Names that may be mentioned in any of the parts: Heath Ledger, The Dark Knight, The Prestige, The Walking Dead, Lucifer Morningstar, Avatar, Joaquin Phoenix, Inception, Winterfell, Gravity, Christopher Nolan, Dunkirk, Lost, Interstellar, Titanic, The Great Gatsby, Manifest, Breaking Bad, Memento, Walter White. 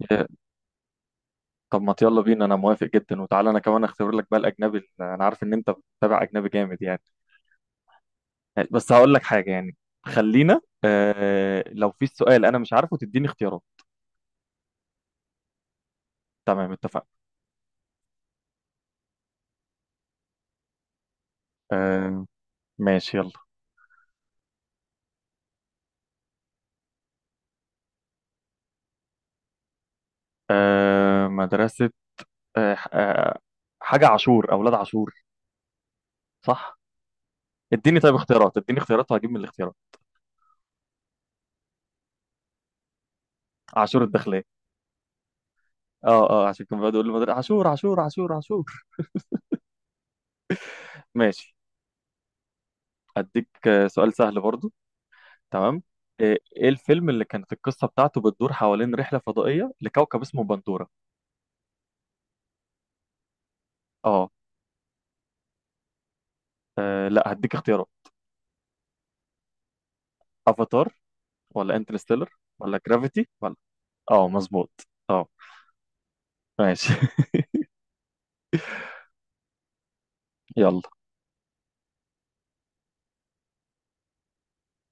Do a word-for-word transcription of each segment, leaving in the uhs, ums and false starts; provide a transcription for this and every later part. يا-. طب ما يلا بينا، انا موافق جدا. وتعالى انا كمان اختبر لك بقى الاجنبي ال-، انا عارف ان انت بتتابع اجنبي جامد يعني. بس هقول لك حاجه يعني، خلينا آه لو في سؤال انا مش عارفه تديني اختيارات. تمام اتفقنا. آه ماشي يلا. آه مدرسه، آه ح- آه حاجه عاشور، اولاد عاشور. صح. اديني طيب اختيارات، اديني اختيارات وهجيب من الاختيارات. عاشور الداخليه. اه اه، عشان كان بيقعد يقول لي مدر- عاشور عاشور عاشور عاشور. ماشي. اديك آه، سؤال سهل برضو. تمام. ايه، إيه الفيلم اللي كانت القصه بتاعته بتدور حوالين رحله فضائيه لكوكب اسمه بندوره؟ اه. آه، لا هديك اختيارات. افاتار، ولا انترستيلر، ولا جرافيتي، ولا. اه مظبوط اه. ماشي يلا.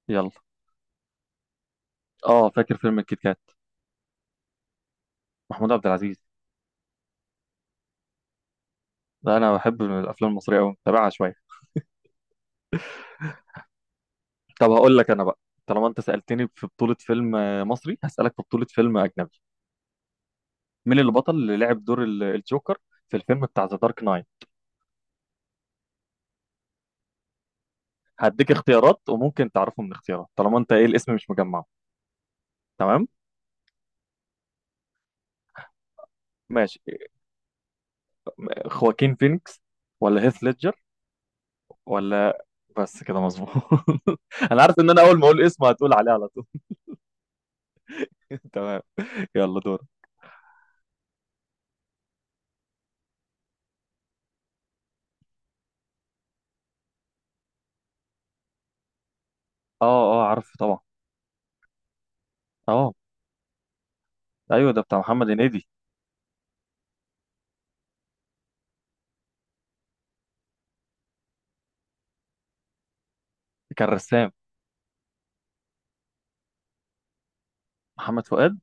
يلا اه فاكر فيلم الكيت كات. محمود عبد العزيز. ده انا بحب من الافلام المصريه قوي، متابعها شويه. طب هقول لك انا بقى، طالما انت سالتني في بطوله فيلم آه، مصري، هسالك في بطوله فيلم اجنبي. مين اللي بطل اللي لعب دور ال- الجوكر في الفيلم بتاع ذا دارك نايت؟ هديك اختيارات وممكن تعرفه من الاختيارات، طالما انت ايه الاسم مش مجمعه. تمام. ماشي. خواكين فينيكس، ولا هيث ليدجر، ولا. بس كده مظبوط انا عارف ان انا اول ما اقول اسمه هتقول عليه على طول. تمام. يلا دور. اه. اه عارف طبعا. اه. ايوه ده بتاع محمد هنيدي. كان رسام. محمد فؤاد.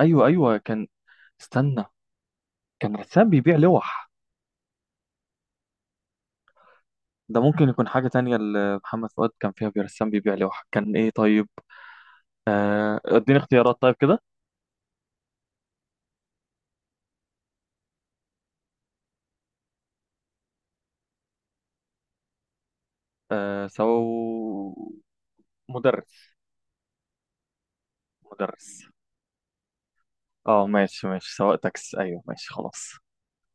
ايوه ايوه كان. استنى. كان رسام بيبيع لوح. ده ممكن يكون حاجة تانية. اللي محمد فؤاد كان فيها بيرسام بيبيع لوح، كان ايه طيب؟ آه، اديني اختيارات طيب كده. آه سو مدرس. مدرس. اه ماشي ماشي، سواق تاكس، ايوه ماشي خلاص.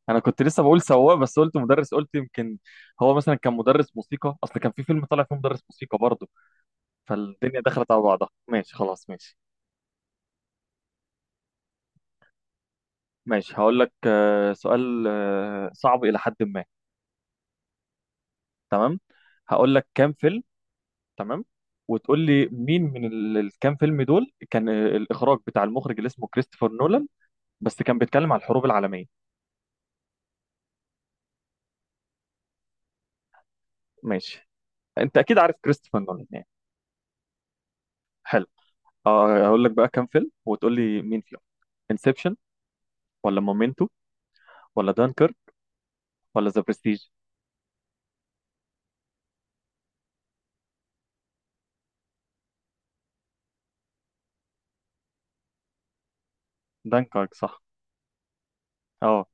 انا كنت لسه بقول سواق، بس قلت مدرس، قلت يمكن هو مثلا كان مدرس موسيقى، اصل كان في فيلم طالع فيه مدرس موسيقى برضه، فالدنيا دخلت على بعضها. ماشي خلاص ماشي. ماشي هقول لك آه سؤال آه صعب الى حد ما. تمام. هقول لك كام فيلم. تمام. وتقول لي مين من ال- الكام فيلم دول كان آه، الاخراج بتاع المخرج اللي اسمه كريستوفر نولان، بس كان بيتكلم على الحروب العالميه. ماشي. انت اكيد عارف كريستوفر نولان يعني. حلو. آه، اقول لك بقى كام فيلم وتقول لي مين فيهم. انسبشن، ولا مومنتو، ولا دانكر، ولا ذا برستيج. دانكرك صح. اه.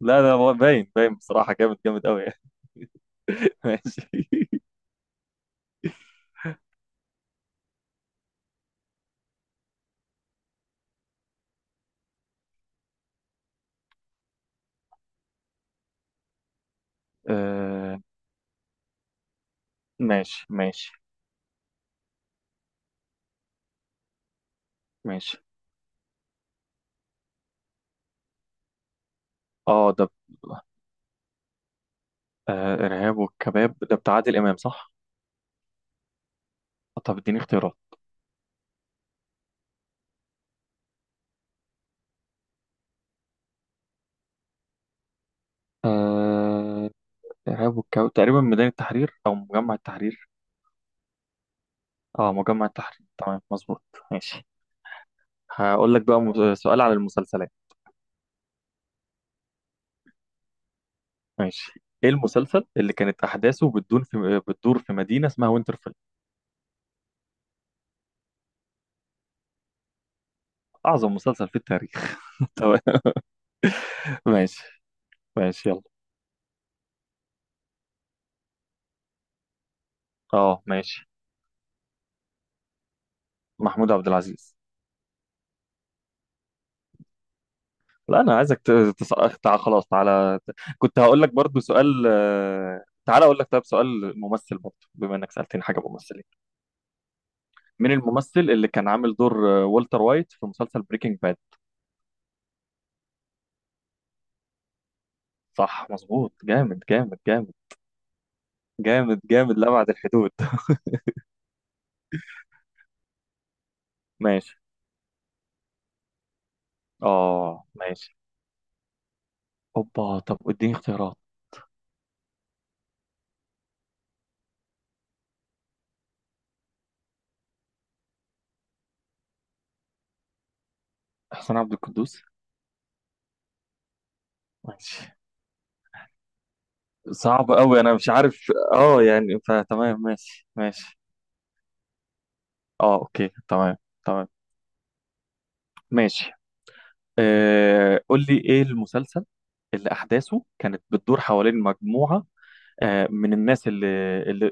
لا ده هو باين باين بصراحة، جامد جامد قوي ماشي. آه ماشي ماشي. ماشي اه ده ب-، آه ارهاب والكباب ده بتاع عادل امام صح. آه، طب اديني اختيارات. آه ارهاب والكباب تقريبا ميدان التحرير او مجمع التحرير. اه مجمع التحرير، تمام مظبوط. ماشي هقول لك بقى مس- سؤال على المسلسلات. ماشي. ايه المسلسل اللي كانت احداثه بتدور في بتدور في مدينه اسمها وينترفيل؟ اعظم مسلسل في التاريخ. تمام. ماشي ماشي يلا. اه ماشي. محمود عبد العزيز. لا انا عايزك ت- تسقط تع-، خلاص تعالى. كنت هقول لك برضو سؤال آه، تعالى اقول لك، طيب سؤال ممثل برضو بما انك سالتني حاجه ممثلين. مين الممثل اللي كان عامل دور آه، والتر وايت في مسلسل بريكنج باد؟ صح مظبوط، جامد جامد جامد. جامد جامد لأبعد الحدود ماشي. اه ماشي. اوبا، طب اديني اختيارات. حسين عبد القدوس. ماشي. صعب قوي انا مش عارف اه يعني، فتمام ماشي ماشي. اه اوكي تمام. تمام. ماشي. آه قول لي ايه المسلسل اللي احداثه كانت بتدور حوالين مجموعة آه من الناس اللي اللي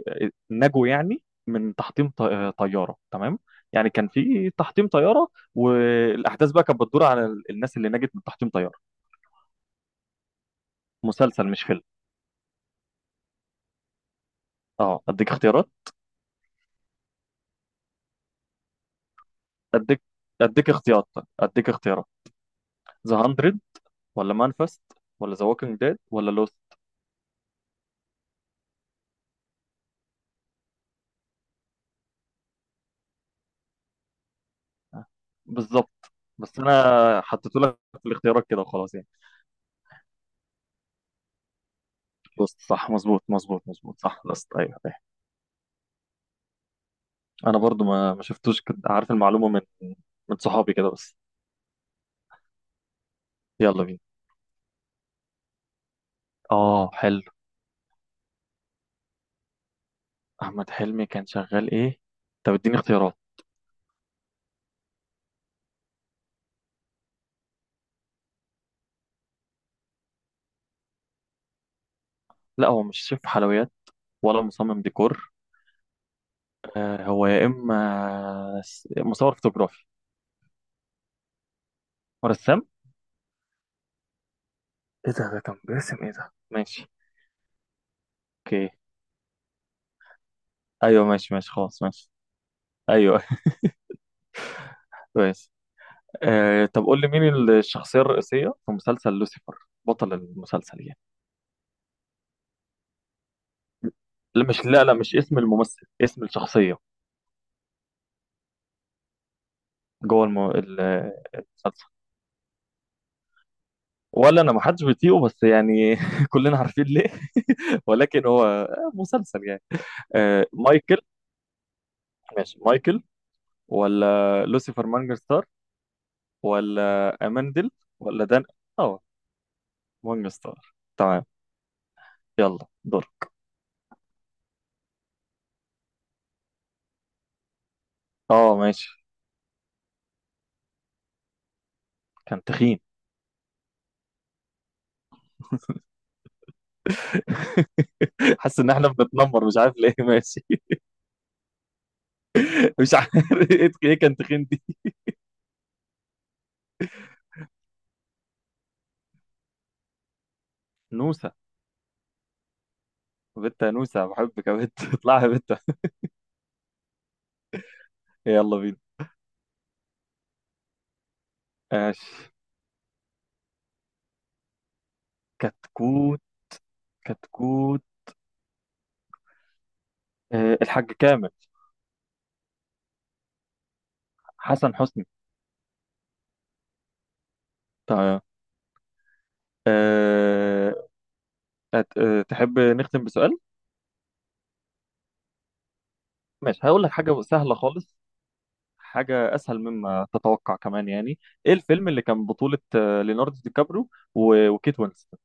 نجوا يعني من تحطيم ط- آه، طيارة تمام. يعني كان في تحطيم طيارة، والاحداث بقى كانت بتدور على الناس اللي نجت من تحطيم طيارة. مسلسل مش فيلم. اه اديك اختيارات. اديك اديك اختيارات، اديك اختيارات. ذا مية، ولا مانفست، ولا ذا ووكينج ديد، ولا لوست. بالظبط. بس انا حطيت لك في الاختيارات كده وخلاص يعني. لوست صح، مظبوط مظبوط مظبوط، صح لوست ايوه ايوه. انا برضو ما ما شفتوش، كنت عارف المعلومه من من صحابي كده بس. يلا بينا. اه حلو. احمد حلمي كان شغال ايه؟ طب اديني اختيارات. لا هو مش شيف حلويات، ولا مصمم ديكور. آه هو يا اما س- مصور فوتوغرافي، ورسام. ايه ده، ده كان باسم ايه ده ماشي. اوكي. ايوه ماشي ماشي خلاص ماشي. ايوه كويس. آه طب قول لي مين الشخصيه الرئيسيه في مسلسل لوسيفر؟ بطل المسلسل يعني. لا مش، لا لا مش اسم الممثل، اسم الشخصيه جوه الم... ال- المسلسل. ولا انا ما حدش بيطيقه بس يعني كلنا عارفين ليه ولكن هو آه، مسلسل يعني. آه مايكل. ماشي مايكل، ولا لوسيفر مانجر ستار، ولا اماندل، ولا دان. اه مانجر ستار تمام. يلا دور. اه ماشي. كان تخين. حاسس ان احنا بنتنمر، مش عارف ليه ماشي. مش عارف ايه ايه كان تخين دي. نوسة. بنت يا نوسة، بحبك يا بنت اطلعي يا بنت. يلا بينا. ماشي. كتكوت. كتكوت. أه الحاج كامل. حسن حسني. طيب أه أت- أه تحب نختم بسؤال؟ ماشي هقول لك حاجة سهلة خالص، حاجة أسهل مما تتوقع كمان يعني. إيه الفيلم اللي كان بطولة آه، ليوناردو دي كابرو و-، وكيت وينسلت؟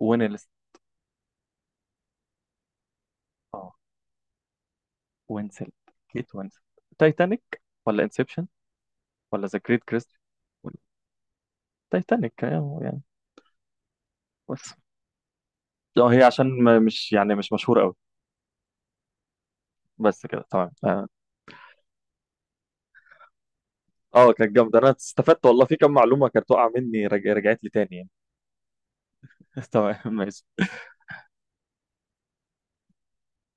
وين ليست. وينسلت. كيت وينسلت. تايتانيك، ولا انسبشن، ولا ذا جريت كريست؟ تايتانيك يعني يعني. بس اه هي عشان ما- مش يعني مش مشهورة قوي. بس كده تمام اه. آه، كانت جامدة، انا استفدت والله في كم معلومة كانت واقعة مني رج... رجعت لي تاني يعني. تمام ماشي.